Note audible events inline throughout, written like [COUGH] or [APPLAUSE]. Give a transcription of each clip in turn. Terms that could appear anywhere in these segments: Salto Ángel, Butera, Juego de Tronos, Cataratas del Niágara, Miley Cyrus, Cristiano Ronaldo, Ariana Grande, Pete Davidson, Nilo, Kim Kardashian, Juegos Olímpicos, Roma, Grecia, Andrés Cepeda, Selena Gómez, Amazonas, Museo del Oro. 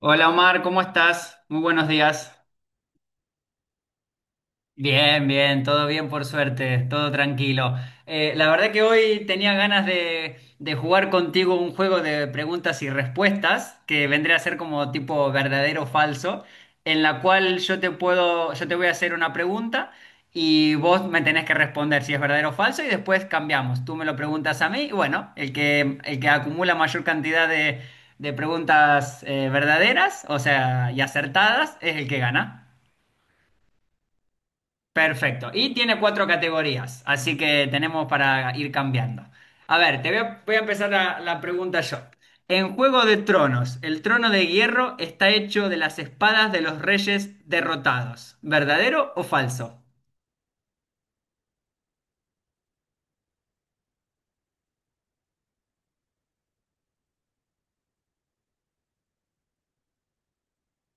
Hola Omar, ¿cómo estás? Muy buenos días. Bien, bien, todo bien por suerte, todo tranquilo. La verdad que hoy tenía ganas de jugar contigo un juego de preguntas y respuestas, que vendría a ser como tipo verdadero o falso, en la cual yo te puedo, yo te voy a hacer una pregunta y vos me tenés que responder si es verdadero o falso y después cambiamos. Tú me lo preguntas a mí y bueno, el que acumula mayor cantidad de preguntas verdaderas, o sea, y acertadas, es el que gana. Perfecto. Y tiene cuatro categorías, así que tenemos para ir cambiando. A ver, voy a empezar la pregunta yo. En Juego de Tronos, el trono de hierro está hecho de las espadas de los reyes derrotados. ¿Verdadero o falso?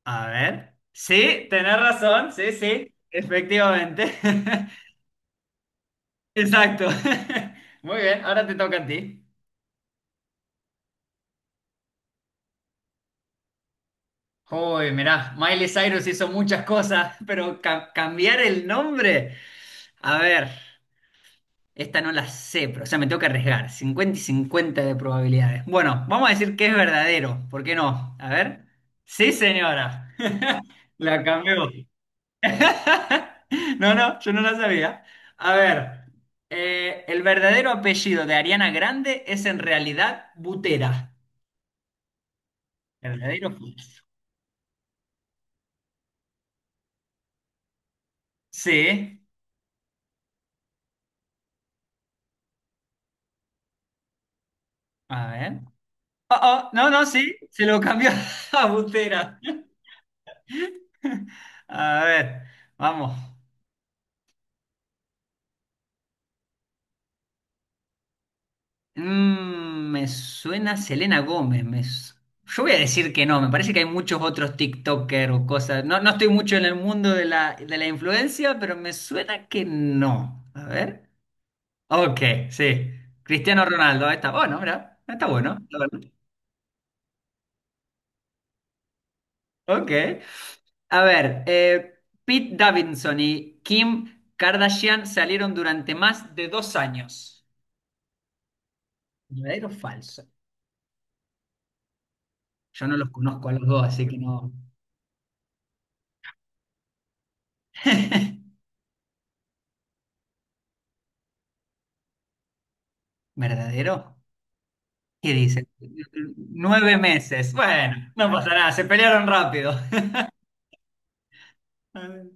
A ver. Sí, tenés razón, sí, sí, efectivamente. [LAUGHS] Exacto. [LAUGHS] Muy bien, ahora te toca a ti. Uy, mirá, Miley Cyrus hizo muchas cosas, pero cambiar el nombre. A ver. Esta no la sé, pero o sea, me tengo que arriesgar. Cincuenta y 50 de probabilidades. Bueno, vamos a decir que es verdadero. ¿Por qué no? A ver. Sí, señora. [LAUGHS] La cambió. [LAUGHS] No, no, yo no la sabía. A ver. El verdadero apellido de Ariana Grande es en realidad Butera. ¿Verdadero o falso? Sí. A ver. Oh, oh, no, no, sí. Se lo cambió [LAUGHS] a Butera. [LAUGHS] A ver. Vamos. Me suena Selena Gómez. Yo voy a decir que no, me parece que hay muchos otros TikToker o cosas. No, no estoy mucho en el mundo de la influencia, pero me suena que no. A ver. Ok, sí. Cristiano Ronaldo, ahí está bueno, mira, está bueno. Está bueno. Ok. A ver, Pete Davidson y Kim Kardashian salieron durante más de dos años. ¿Verdadero o falso? Yo no los conozco a los dos, así que no. [LAUGHS] ¿Verdadero? Y dice, nueve meses. Bueno, no pasa nada, se pelearon rápido. [LAUGHS] A ver.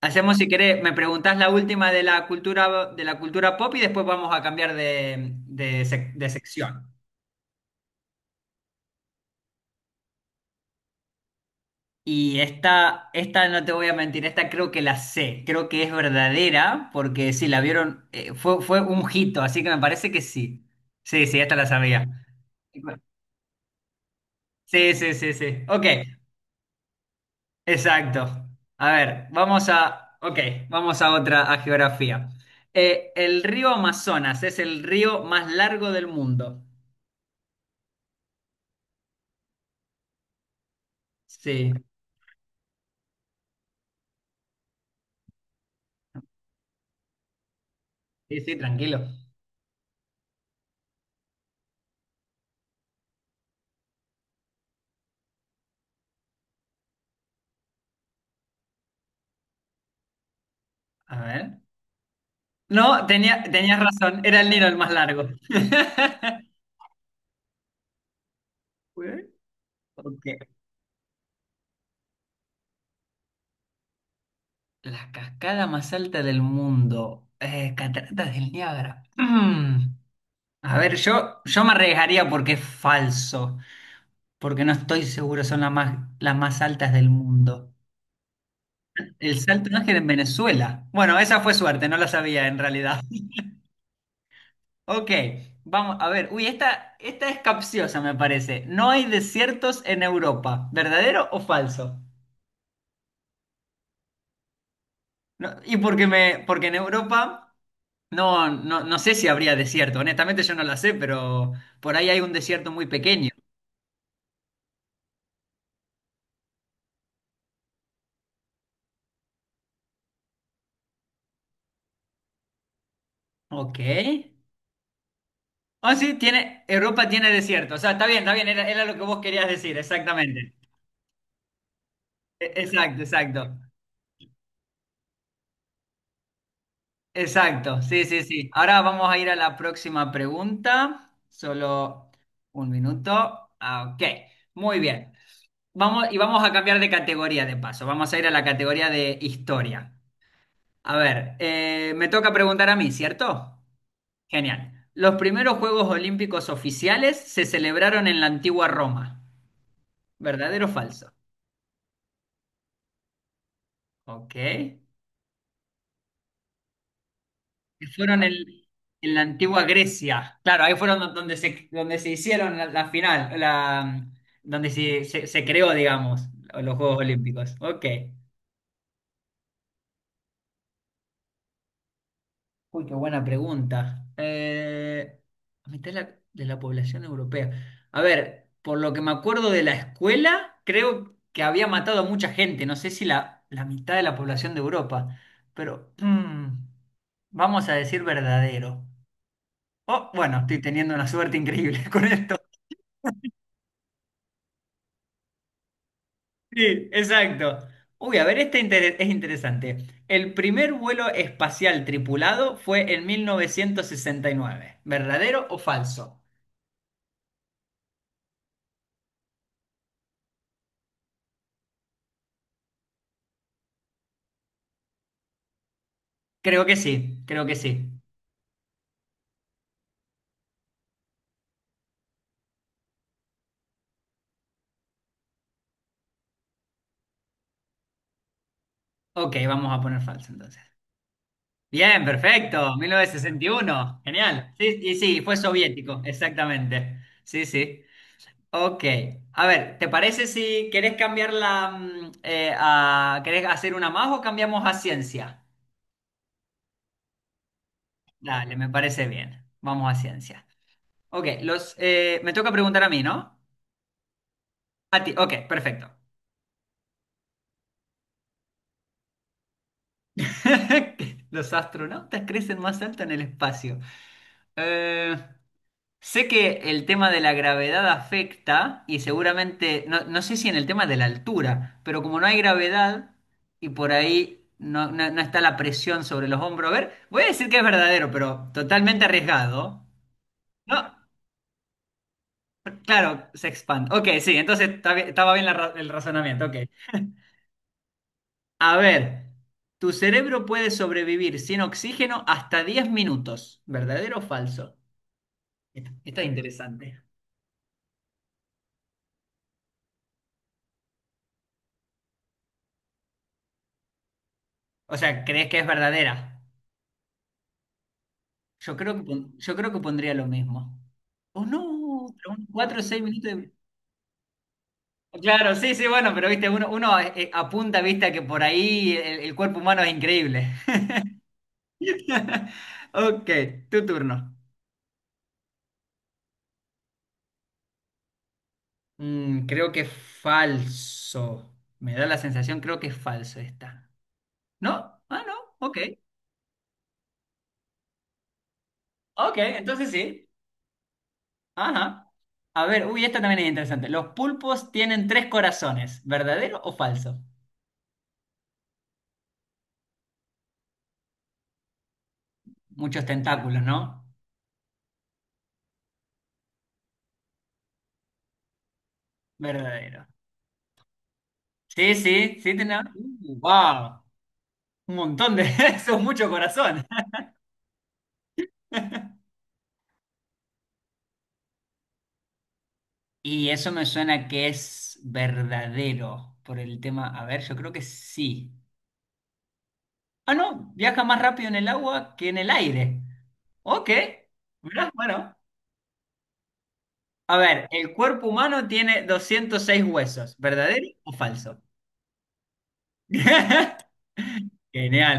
Hacemos, si querés, me preguntás la última de la cultura pop y después vamos a cambiar de sección. Y esta no te voy a mentir, esta creo que la sé, creo que es verdadera, porque sí, la vieron, fue, fue un hito, así que me parece que sí. Sí, sí, esta la sabía. Sí, sí, sí, sí. Ok, exacto. A ver, ok, vamos a otra, a geografía. El río Amazonas es el río más largo del mundo. Sí, sí, sí, tranquilo. A ver. No, tenías razón, era el Nilo el más largo. [LAUGHS] Ok. La cascada más alta del mundo. Cataratas del Niágara. [CLEARS THROAT] Mm. A ver, yo me arriesgaría porque es falso, porque no estoy seguro son las más altas del mundo. El Salto Ángel en Venezuela. Bueno, esa fue suerte, no la sabía en realidad. [LAUGHS] Ok, vamos a ver. Uy, esta es capciosa, me parece. No hay desiertos en Europa. ¿Verdadero o falso? No, y porque en Europa no sé si habría desierto. Honestamente yo no la sé, pero por ahí hay un desierto muy pequeño. Ok. Ah, sí, tiene, Europa tiene desierto. O sea, está bien, era, era lo que vos querías decir, exactamente. Exacto, exacto. Exacto, sí, sí, sí. Ahora vamos a ir a la próxima pregunta. Solo un minuto. Ah, ok, muy bien. Vamos, y vamos a cambiar de categoría de paso. Vamos a ir a la categoría de historia. A ver, me toca preguntar a mí, ¿cierto? Genial. Los primeros Juegos Olímpicos oficiales se celebraron en la antigua Roma. ¿Verdadero o falso? Ok. que fueron el- en la antigua Grecia. Claro, ahí fueron donde donde se hicieron la final, la, donde se creó, digamos, los Juegos Olímpicos. Ok. Uy, qué buena pregunta. A mitad de la población europea. A ver, por lo que me acuerdo de la escuela, creo que había matado a mucha gente. No sé si la mitad de la población de Europa. Pero vamos a decir verdadero. Oh, bueno, estoy teniendo una suerte increíble [LAUGHS] con esto. Sí, exacto. Uy, a ver, es interesante. El primer vuelo espacial tripulado fue en 1969. ¿Verdadero o falso? Creo que sí, creo que sí. Ok, vamos a poner falso entonces. Bien, perfecto. 1961. Genial. Sí, y sí, fue soviético, exactamente. Sí, sí. Ok. A ver, ¿te parece si querés querés hacer una más o cambiamos a ciencia? Dale, me parece bien. Vamos a ciencia. Ok, me toca preguntar a mí, ¿no? A ti, ok, perfecto. [LAUGHS] Los astronautas crecen más alto en el espacio. Eh, Sé que el tema de la gravedad afecta y seguramente, no, no sé si en el tema de la altura, pero como no hay gravedad y por ahí no está la presión sobre los hombros, a ver, voy a decir que es verdadero, pero totalmente arriesgado. No, claro, se expande. Ok, sí, estaba bien el razonamiento, ok. A ver, tu cerebro puede sobrevivir sin oxígeno hasta 10 minutos. ¿Verdadero o falso? Esta es interesante. O sea, ¿crees que es verdadera? Yo creo que, yo creo que pondría lo mismo. ¿O no? 4 o 6 minutos de... Claro, sí, sí, bueno, pero viste, uno apunta, viste, a que por ahí el cuerpo humano es increíble. [LAUGHS] Ok, tu turno. Mm, creo que es falso. Me da la sensación, creo que es falso esta. ¿No? Ah, no. Ok. Ok, entonces sí. Ajá. A ver, uy, esta también es interesante. Los pulpos tienen tres corazones, ¿verdadero o falso? Muchos tentáculos, ¿no? Verdadero. Sí, sí, sí, tenemos. Wow. Un montón de [LAUGHS] eso, es mucho corazón. Y eso me suena que es verdadero por el tema. A ver, yo creo que sí. Ah, no, viaja más rápido en el agua que en el aire. Ok. Mirá, bueno. A ver, el cuerpo humano tiene 206 huesos, ¿verdadero o falso? [LAUGHS] Genial,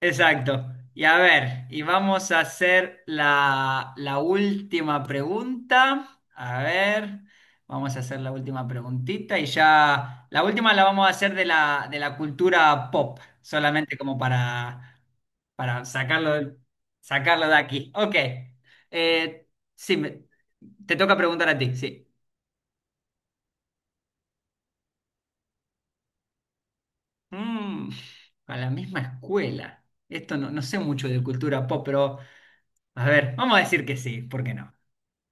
exacto. Y a ver, y vamos a hacer la última pregunta. A ver, vamos a hacer la última preguntita y ya la última la vamos a hacer de de la cultura pop, solamente como para sacarlo, sacarlo de aquí. Ok, Eh, sí, me- te toca preguntar a ti, sí. Mm, a la misma escuela. Esto no, no sé mucho de cultura pop, pero a ver, vamos a decir que sí, ¿por qué no?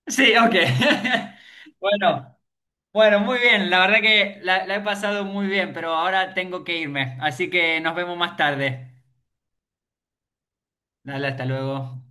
Sí, ok. [LAUGHS] Bueno, bueno, muy bien. La verdad que la he pasado muy bien, pero ahora tengo que irme. Así que nos vemos más tarde. Dale, hasta luego.